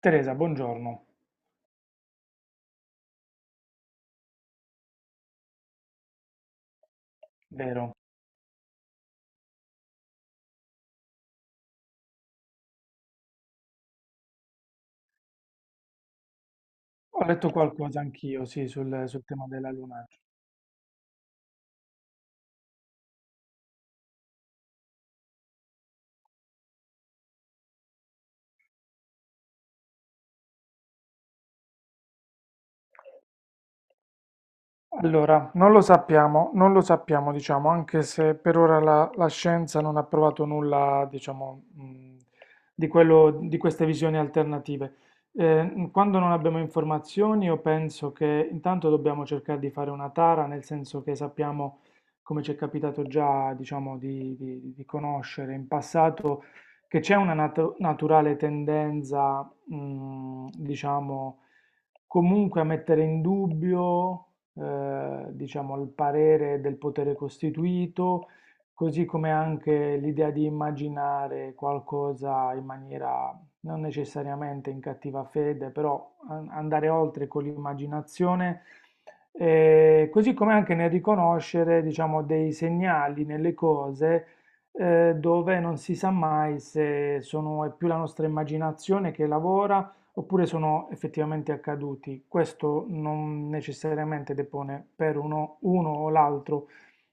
Teresa, buongiorno. Vero. Ho letto qualcosa anch'io, sì, sul, sul tema della luna. Allora, non lo sappiamo, non lo sappiamo, diciamo, anche se per ora la scienza non ha provato nulla, diciamo, di quello, di queste visioni alternative. Quando non abbiamo informazioni, io penso che intanto dobbiamo cercare di fare una tara, nel senso che sappiamo, come ci è capitato già, diciamo, di conoscere in passato, che c'è una naturale tendenza, diciamo, comunque a mettere in dubbio diciamo, al parere del potere costituito, così come anche l'idea di immaginare qualcosa in maniera non necessariamente in cattiva fede, però andare oltre con l'immaginazione, così come anche nel riconoscere, diciamo, dei segnali nelle cose, dove non si sa mai se sono, è più la nostra immaginazione che lavora oppure sono effettivamente accaduti. Questo non necessariamente depone per uno, uno o l'altro,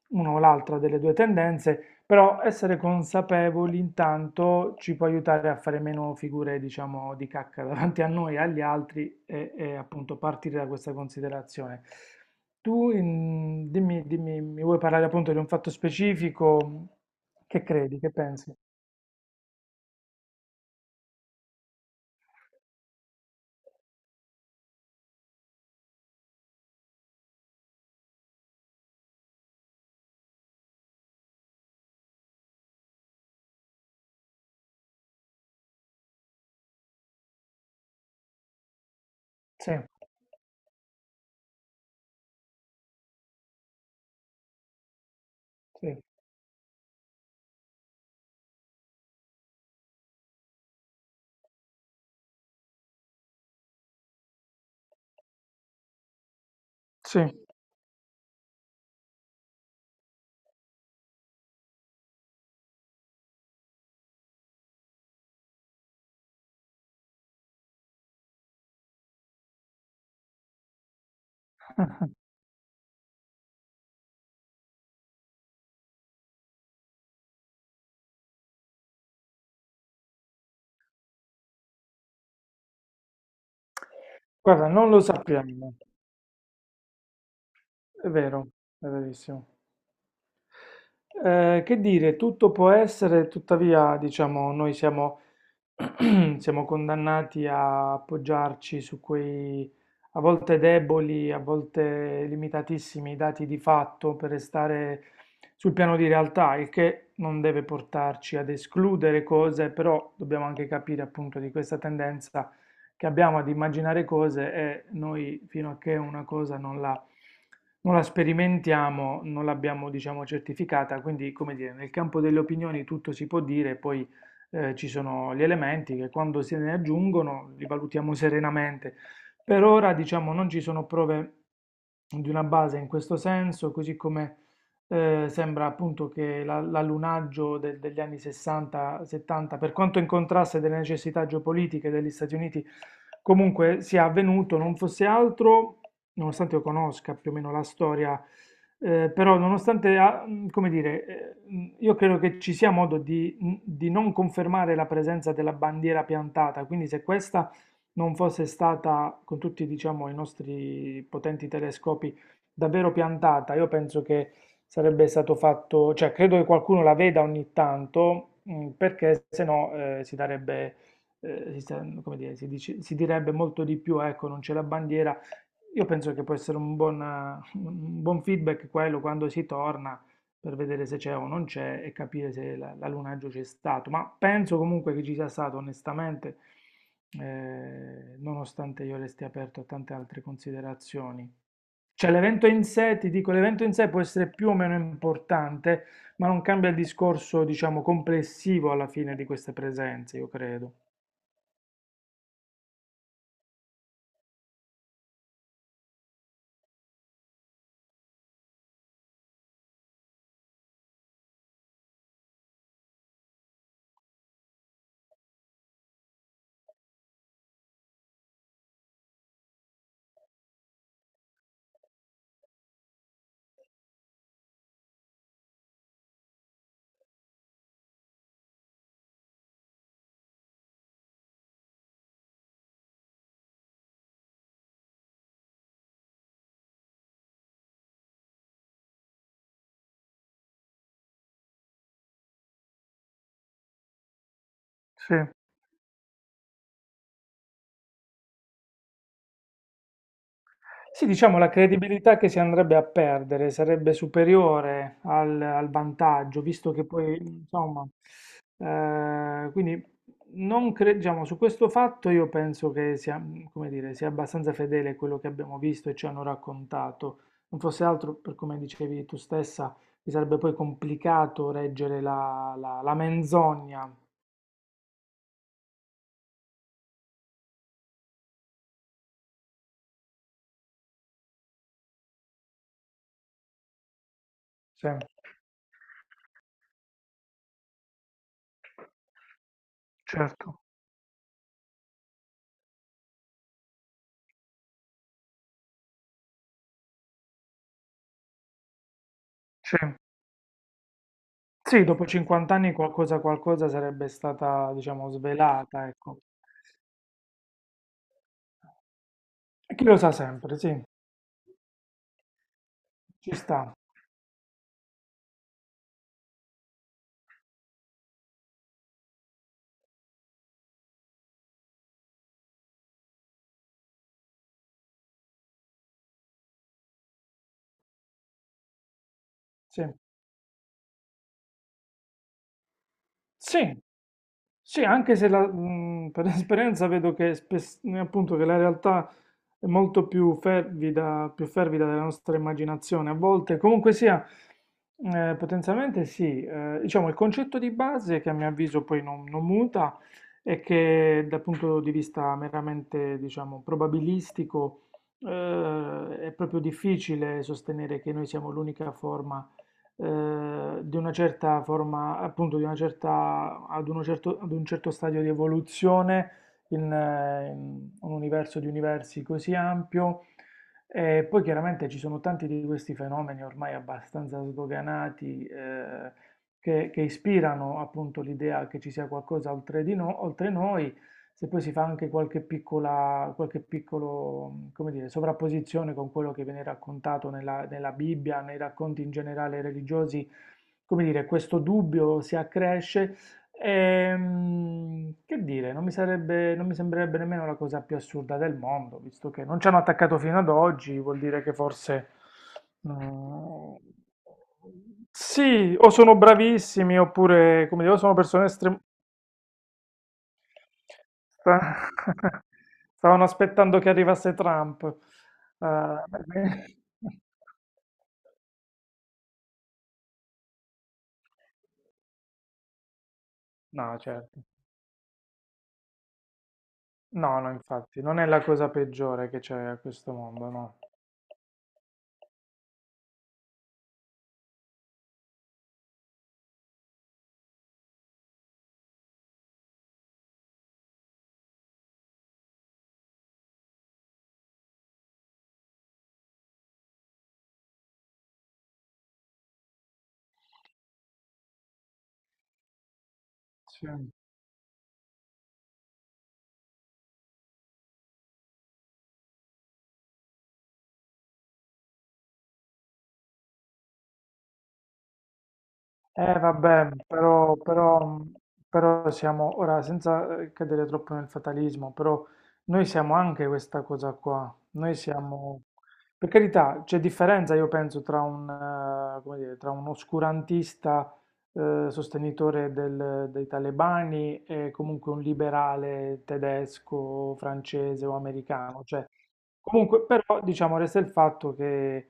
uno o l'altra delle due tendenze, però essere consapevoli intanto ci può aiutare a fare meno figure, diciamo, di cacca davanti a noi e agli altri e appunto partire da questa considerazione. Dimmi, dimmi, mi vuoi parlare appunto di un fatto specifico? Che credi, che pensi? Sì, sì, sì. Guarda, non lo sappiamo. È vero, è verissimo. Che dire, tutto può essere, tuttavia, diciamo, noi siamo, siamo condannati a appoggiarci su quei a volte deboli, a volte limitatissimi dati di fatto per restare sul piano di realtà, il che non deve portarci ad escludere cose, però dobbiamo anche capire appunto di questa tendenza che abbiamo ad immaginare cose e noi fino a che una cosa non la sperimentiamo, non l'abbiamo, diciamo, certificata. Quindi, come dire, nel campo delle opinioni tutto si può dire, poi ci sono gli elementi che quando se ne aggiungono li valutiamo serenamente. Per ora, diciamo, non ci sono prove di una base in questo senso, così come sembra appunto che l'allunaggio degli anni 60-70, per quanto in contrasto delle necessità geopolitiche degli Stati Uniti, comunque sia avvenuto, non fosse altro, nonostante io conosca più o meno la storia, però nonostante, come dire, io credo che ci sia modo di non confermare la presenza della bandiera piantata, quindi se questa non fosse stata, con tutti, diciamo, i nostri potenti telescopi, davvero piantata. Io penso che sarebbe stato fatto, cioè credo che qualcuno la veda ogni tanto, perché se no si darebbe, si, sta- come dire, si dice- si direbbe molto di più, ecco, non c'è la bandiera. Io penso che può essere un buon feedback quello quando si torna per vedere se c'è o non c'è e capire se l'allunaggio c'è stato. Ma penso comunque che ci sia stato, onestamente, nonostante io resti aperto a tante altre considerazioni. Cioè l'evento in sé, ti dico, l'evento in sé può essere più o meno importante, ma non cambia il discorso, diciamo, complessivo alla fine di queste presenze, io credo. Sì, sì, diciamo, la credibilità che si andrebbe a perdere sarebbe superiore al, al vantaggio, visto che poi, insomma, eh, quindi non cre- diciamo, su questo fatto io penso che sia, come dire, sia abbastanza fedele a quello che abbiamo visto e ci hanno raccontato. Non fosse altro, per come dicevi tu stessa, mi sarebbe poi complicato reggere la, la menzogna. Sì, certo, sì, sì, dopo 50 anni qualcosa, qualcosa sarebbe stata, diciamo, svelata, ecco. E chi lo sa sempre, sì, ci sta, sì. Sì, sì, anche se per esperienza vedo che, appunto, che la realtà è molto più fervida della nostra immaginazione. A volte, comunque sia, potenzialmente sì. Diciamo, il concetto di base, che a mio avviso poi non, non muta, è che dal punto di vista meramente, diciamo, probabilistico, è proprio difficile sostenere che noi siamo l'unica forma di una certa forma, appunto, di una certa, ad un certo stadio di evoluzione in, in un universo di universi così ampio. E poi chiaramente ci sono tanti di questi fenomeni ormai abbastanza sdoganati che ispirano appunto l'idea che ci sia qualcosa oltre di no- oltre noi. Se poi si fa anche qualche piccola, qualche piccolo, come dire, sovrapposizione con quello che viene raccontato nella, nella Bibbia, nei racconti in generale religiosi, come dire, questo dubbio si accresce. Che dire, non mi sarebbe, non mi sembrerebbe nemmeno la cosa più assurda del mondo, visto che non ci hanno attaccato fino ad oggi, vuol dire che forse... mm, sì, o sono bravissimi, oppure, come dire, o sono persone. Sta- Stavano aspettando che arrivasse Trump. Eh, beh, no, certo. No, no, infatti, non è la cosa peggiore che c'è a questo mondo, no. Sì. Vabbè, però, però, però siamo, ora, senza cadere troppo nel fatalismo, però noi siamo anche questa cosa qua. Noi siamo, per carità, c'è differenza, io penso, tra un, come dire, tra un oscurantista sostenitore dei talebani e comunque un liberale tedesco, francese o americano. Cioè, comunque, però, diciamo, resta il fatto che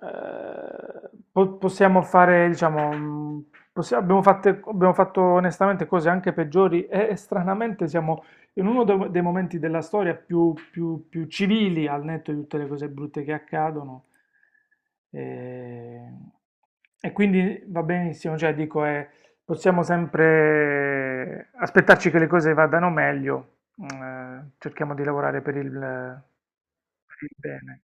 possiamo fare, diciamo, abbiamo abbiamo fatto onestamente cose anche peggiori e stranamente siamo in dei momenti della storia più, più civili, al netto di tutte le cose brutte che accadono. E, e quindi va benissimo, cioè dico, possiamo sempre aspettarci che le cose vadano meglio, cerchiamo di lavorare per il bene.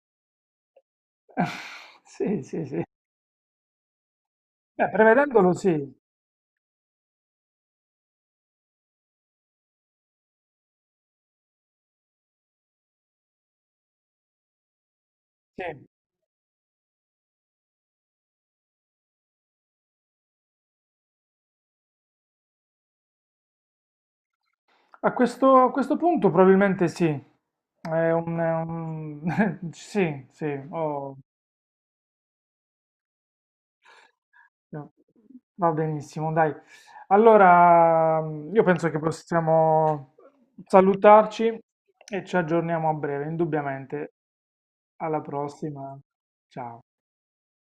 Sì, sì, sì. Beh, prevedendolo sì. Sì. A questo punto probabilmente sì. Sì, sì. ho- No. Va benissimo, dai. Allora, io penso che possiamo salutarci e ci aggiorniamo a breve, indubbiamente. Alla prossima. Ciao.